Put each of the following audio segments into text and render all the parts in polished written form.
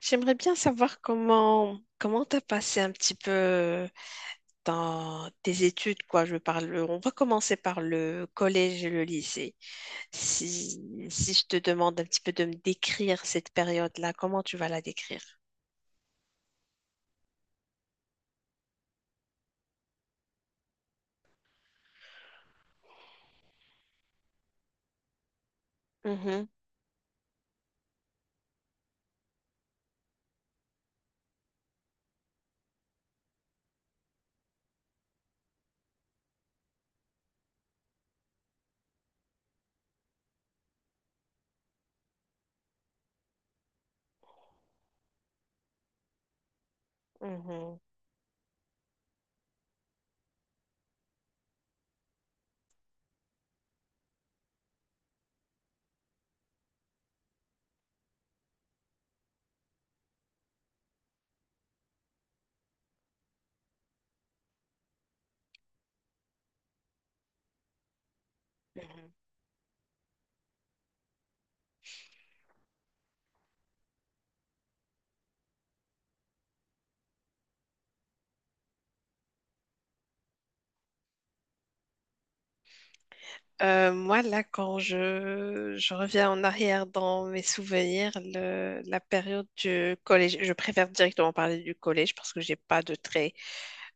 J'aimerais bien savoir comment t'as passé un petit peu dans tes études, quoi. Je parle, on va commencer par le collège et le lycée. Si je te demande un petit peu de me décrire cette période-là, comment tu vas la décrire? Mhm, mhm, mhm. Moi, là, quand je reviens en arrière dans mes souvenirs, la période du collège, je préfère directement parler du collège parce que j'ai pas de très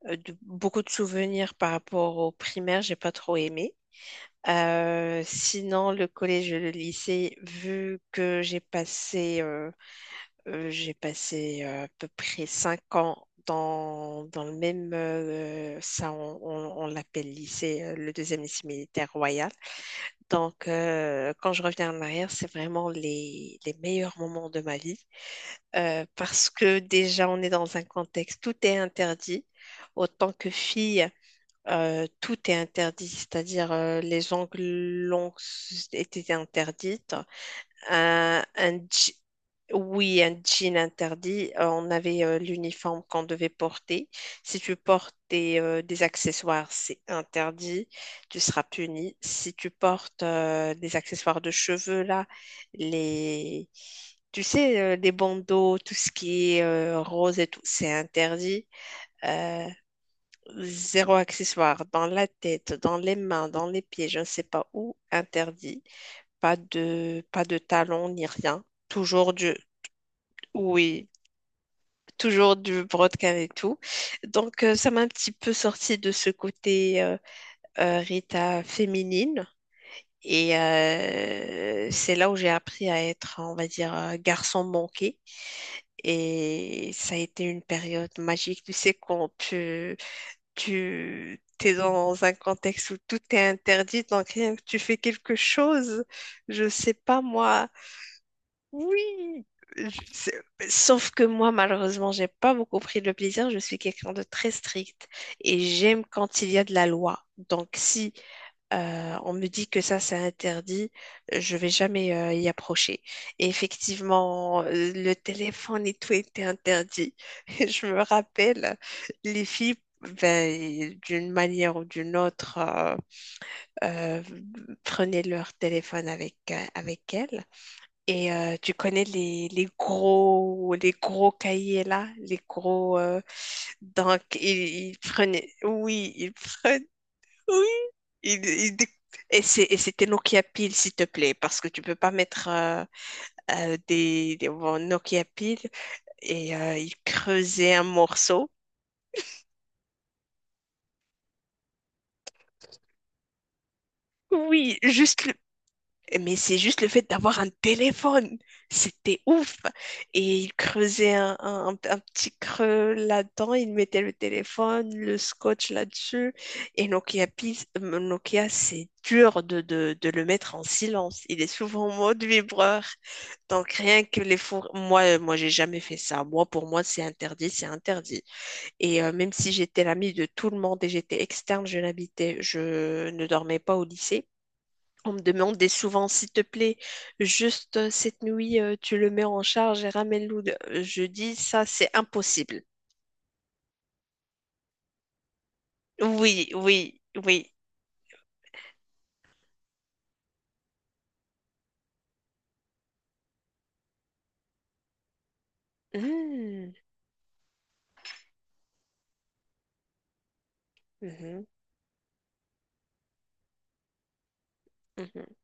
euh, de- beaucoup de souvenirs par rapport au primaire, j'ai pas trop aimé. Sinon, le collège et le lycée, vu que j'ai passé à peu près 5 ans dans le même, ça on l'appelle lycée, le deuxième lycée militaire royal. Donc, quand je reviens en arrière, c'est vraiment les meilleurs moments de ma vie. Parce que déjà, on est dans un contexte, tout est interdit. Autant que fille, tout est interdit, c'est-à-dire les ongles longs étaient interdites. Un, un je- oui, un jean interdit. On avait l'uniforme qu'on devait porter. Si tu portes des accessoires, c'est interdit. Tu seras puni. Si tu portes des accessoires de cheveux, là, les... Tu sais, les bandeaux, tout ce qui est rose et tout, c'est interdit. Euh, Zéro accessoire dans la tête, dans les mains, dans les pieds, je ne sais pas où, interdit. Pas de talons ni rien. Toujours du, oui, toujours du brodequin et tout. Donc, ça m'a un petit peu sorti de ce côté Rita féminine. Et c'est là où j'ai appris à être, on va dire, garçon manqué. Et ça a été une période magique. Tu sais, quand tu es dans un contexte où tout est interdit, donc rien que tu fais quelque chose, je sais pas moi. Oui, je sais- sauf que moi, malheureusement, j'ai pas beaucoup pris le plaisir. Je suis quelqu'un de très strict et j'aime quand il y a de la loi. Donc si on me dit que ça, c'est interdit. Je vais jamais y approcher. Et effectivement, le téléphone et tout était interdit. Et je me rappelle, les filles, ben, d'une manière ou d'une autre, euh, prenaient leur téléphone avec elles. Et tu connais les gros cahiers là, les gros. Donc, ils prenaient, oui, ils prenaient oui. Il- il dé- et c'était Nokia Pile, s'il te plaît, parce que tu peux pas mettre bon, Nokia Pile. Et il creusait un morceau. Oui, mais c'est juste le fait d'avoir un téléphone. C'était ouf. Et il creusait un petit creux là-dedans. Il mettait le téléphone, le scotch là-dessus. Et Nokia, Nokia, c'est dur de le mettre en silence. Il est souvent en mode vibreur. Donc rien que les four... Moi, j'ai jamais fait ça. Moi, pour moi, c'est interdit, c'est interdit. Et même si j'étais l'amie de tout le monde et j'étais externe, je n'habitais, je ne dormais pas au lycée. On me demandait souvent, s'il te plaît, juste cette nuit, tu le mets en charge et ramène-le. Je dis, ça, c'est impossible. Oui, oui, oui. Hmm, mhm, mhm.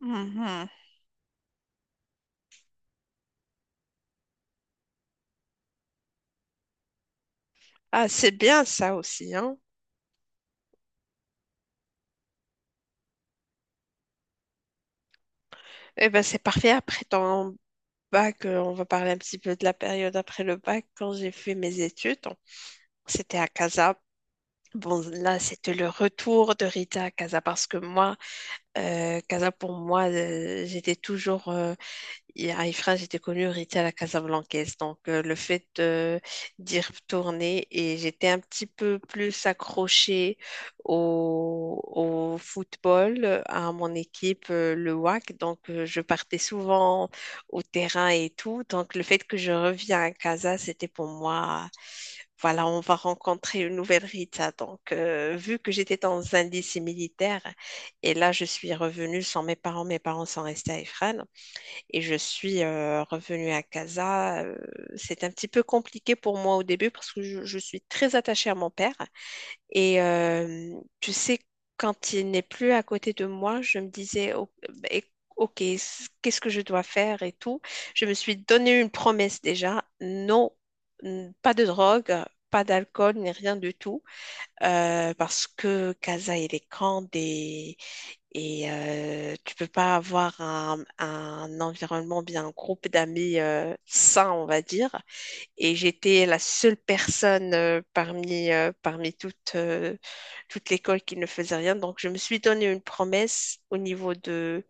Mhm. Ah, c'est bien ça aussi, hein. Eh ben, c'est parfait. Après ton bac, on va parler un petit peu de la période après le bac. Quand j'ai fait mes études, c'était à Casa. Bon, là, c'était le retour de Rita à Casa parce que moi, Casa, pour moi, j'étais toujours Et Ifrane, j'étais connue, Rita à la Casablancaise. Donc, d'y retourner et j'étais un petit peu plus accrochée au, au football, à mon équipe, le WAC. Donc, je partais souvent au terrain et tout. Donc, le fait que je reviens à Casa, c'était pour moi, voilà, on va rencontrer une nouvelle Rita. Donc, vu que j'étais dans un lycée militaire et là, je suis revenue sans mes parents, mes parents sont restés à Ifrane. Et je suis revenue à Casa. C'est un petit peu compliqué pour moi au début parce que je suis très attachée à mon père. Et tu sais, quand il n'est plus à côté de moi, je me disais, oh, ben, OK, qu'est-ce que je dois faire et tout. Je me suis donné une promesse déjà. Non, pas de drogue, pas d'alcool, ni rien du tout. Parce que Casa, il est grand et tu peux pas avoir un environnement, bien un groupe d'amis sain, on va dire. Et j'étais la seule personne parmi toute l'école qui ne faisait rien. Donc, je me suis donné une promesse au niveau de,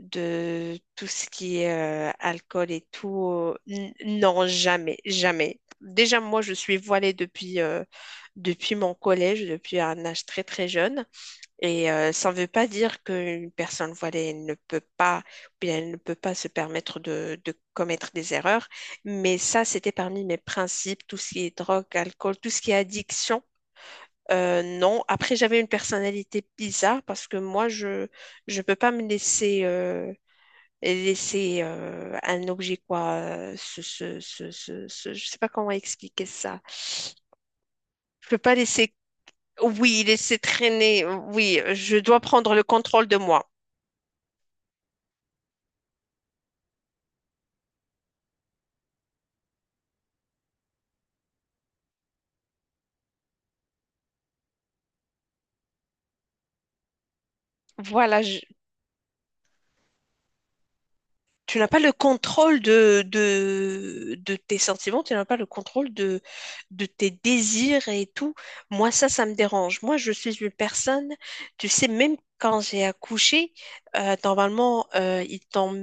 de tout ce qui est alcool et tout. Non, jamais, jamais. Déjà, moi, je suis voilée depuis mon collège, depuis un âge très, très jeune. Et ça ne veut pas dire qu'une personne voilée ne peut pas, ou bien elle ne peut pas se permettre de commettre des erreurs. Mais ça, c'était parmi mes principes, tout ce qui est drogue, alcool, tout ce qui est addiction. Non. Après, j'avais une personnalité bizarre parce que moi, je peux pas me laisser un objet quoi. Je sais pas comment expliquer ça. Je peux pas laisser oui, laisser traîner. Oui, je dois prendre le contrôle de moi. Voilà, tu n'as pas le contrôle de tes sentiments, tu n'as pas le contrôle de tes désirs et tout. Moi, ça me dérange. Moi, je suis une personne, tu sais, même quand j'ai accouché, normalement,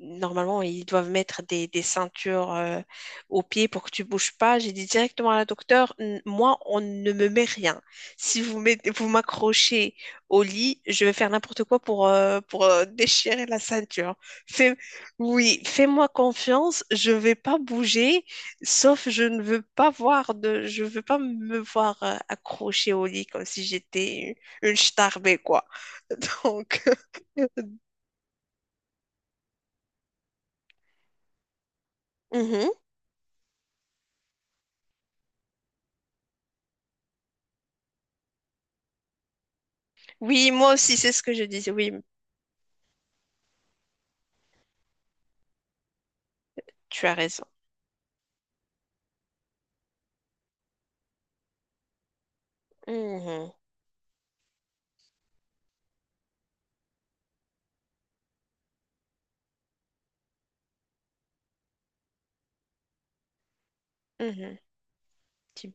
normalement, ils doivent mettre des ceintures aux pieds pour que tu bouges pas. J'ai dit directement à la docteure, moi, on ne me met rien. Si vous m'accrochez au lit, je vais faire n'importe quoi pour, déchirer la ceinture. Fais- oui, fais-moi confiance, je vais pas bouger, sauf je ne veux pas voir de, je veux pas me voir accrochée au lit comme si j'étais une starbée, quoi. Donc, mhm. Oui, moi aussi, c'est ce que je disais. Oui, tu as raison. Mhm, mhm. Tu-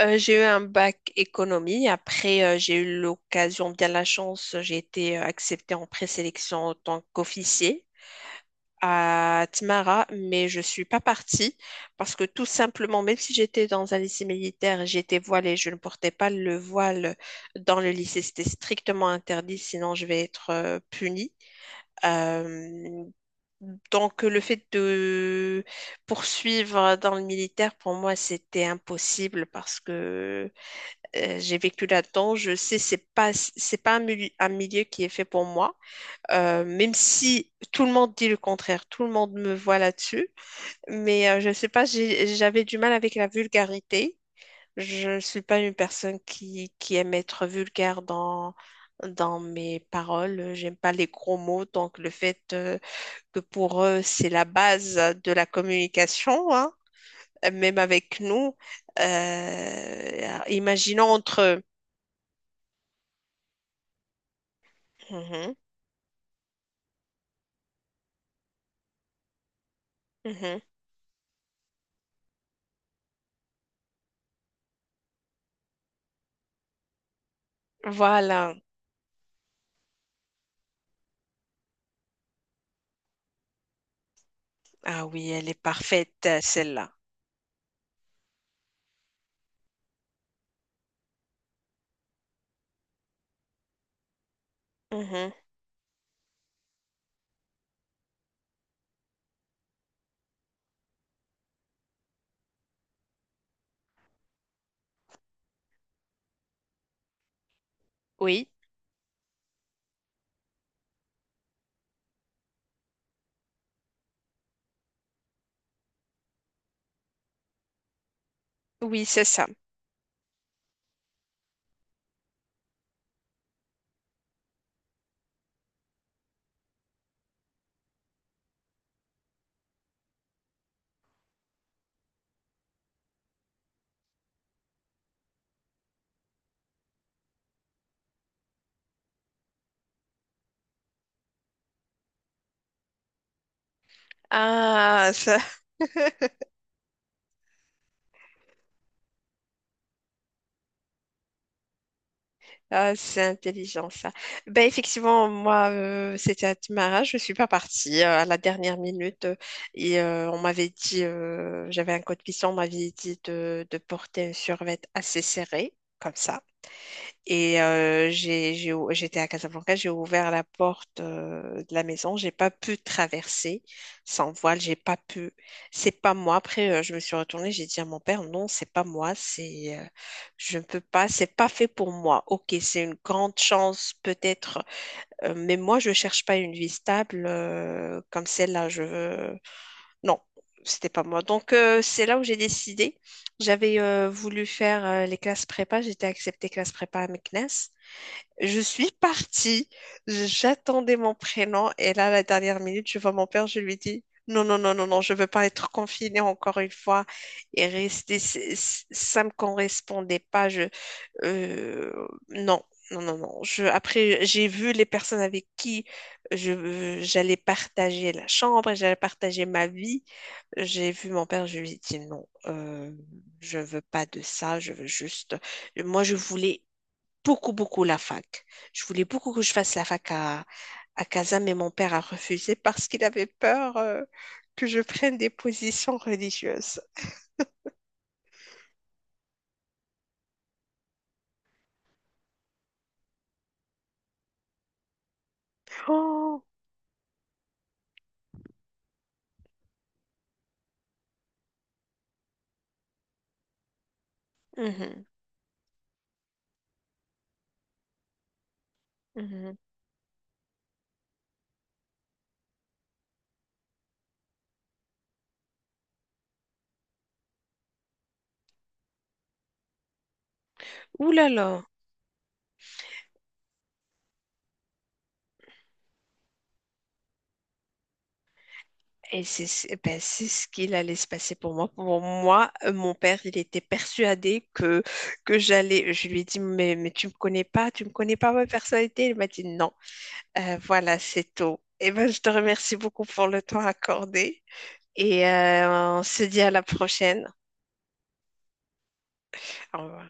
J'ai eu un bac économie. Après, j'ai eu l'occasion, bien la chance, j'ai été acceptée en présélection en tant qu'officier. À Tmara, mais je suis pas partie parce que tout simplement, même si j'étais dans un lycée militaire, j'étais voilée, je ne portais pas le voile dans le lycée. C'était strictement interdit, sinon je vais être punie. Euh, donc le fait de poursuivre dans le militaire, pour moi, c'était impossible parce que j'ai vécu là-dedans. Je sais, c'est pas un milieu, un milieu qui est fait pour moi. Même si tout le monde dit le contraire, tout le monde me voit là-dessus. Mais je ne sais pas, j'avais du mal avec la vulgarité. Je ne suis pas une personne qui aime être vulgaire dans mes paroles. J'aime pas les gros mots. Donc le fait que pour eux, c'est la base de la communication, hein, même avec nous. Imaginons entre... eux. Mhm, mhm. Voilà. Ah oui, elle est parfaite, celle-là. Mhm. Oui. Oui, c'est ça. Ah, ça- ah, c'est intelligent ça. Ben effectivement, moi, c'était à Témara, je suis pas partie à la dernière minute et on m'avait dit, j'avais un code cuisson, on m'avait dit de porter un survêt assez serré, comme ça. Et j'étais à Casablanca, j'ai ouvert la porte de la maison, j'ai pas pu traverser sans voile, j'ai pas pu. C'est pas moi. Après, je me suis retournée, j'ai dit à mon père, non, c'est pas moi, je ne peux pas, c'est pas fait pour moi. Ok, c'est une grande chance peut-être, mais moi je cherche pas une vie stable comme celle-là. Je veux, non, c'était pas moi. Donc c'est là où j'ai décidé. J'avais voulu faire les classes prépa, j'étais acceptée classe prépa à Meknès. Je suis partie, j'attendais mon prénom et là, à la dernière minute, je vois mon père, je lui dis, non, non, non, non, non, je veux pas être confinée encore une fois et rester, ça me correspondait pas, euh, non, non, non, non. Après, j'ai vu les personnes avec qui j'allais partager la chambre, j'allais partager ma vie. J'ai vu mon père, je lui ai dit non, je veux pas de ça, je veux juste, moi, je voulais beaucoup, beaucoup la fac. Je voulais beaucoup que je fasse la fac à Casa, mais mon père a refusé parce qu'il avait peur que je prenne des positions religieuses. Oh, mhm, mhm. Ouh là là. Et ben, c'est ce qu'il allait se passer pour moi. Pour moi, mon père, il était persuadé que j'allais. Je lui ai dit, mais tu me connais pas, tu me connais pas ma personnalité. Il m'a dit, non. Voilà, c'est tout. Eh ben, je te remercie beaucoup pour le temps accordé. Et on se dit à la prochaine. Au revoir.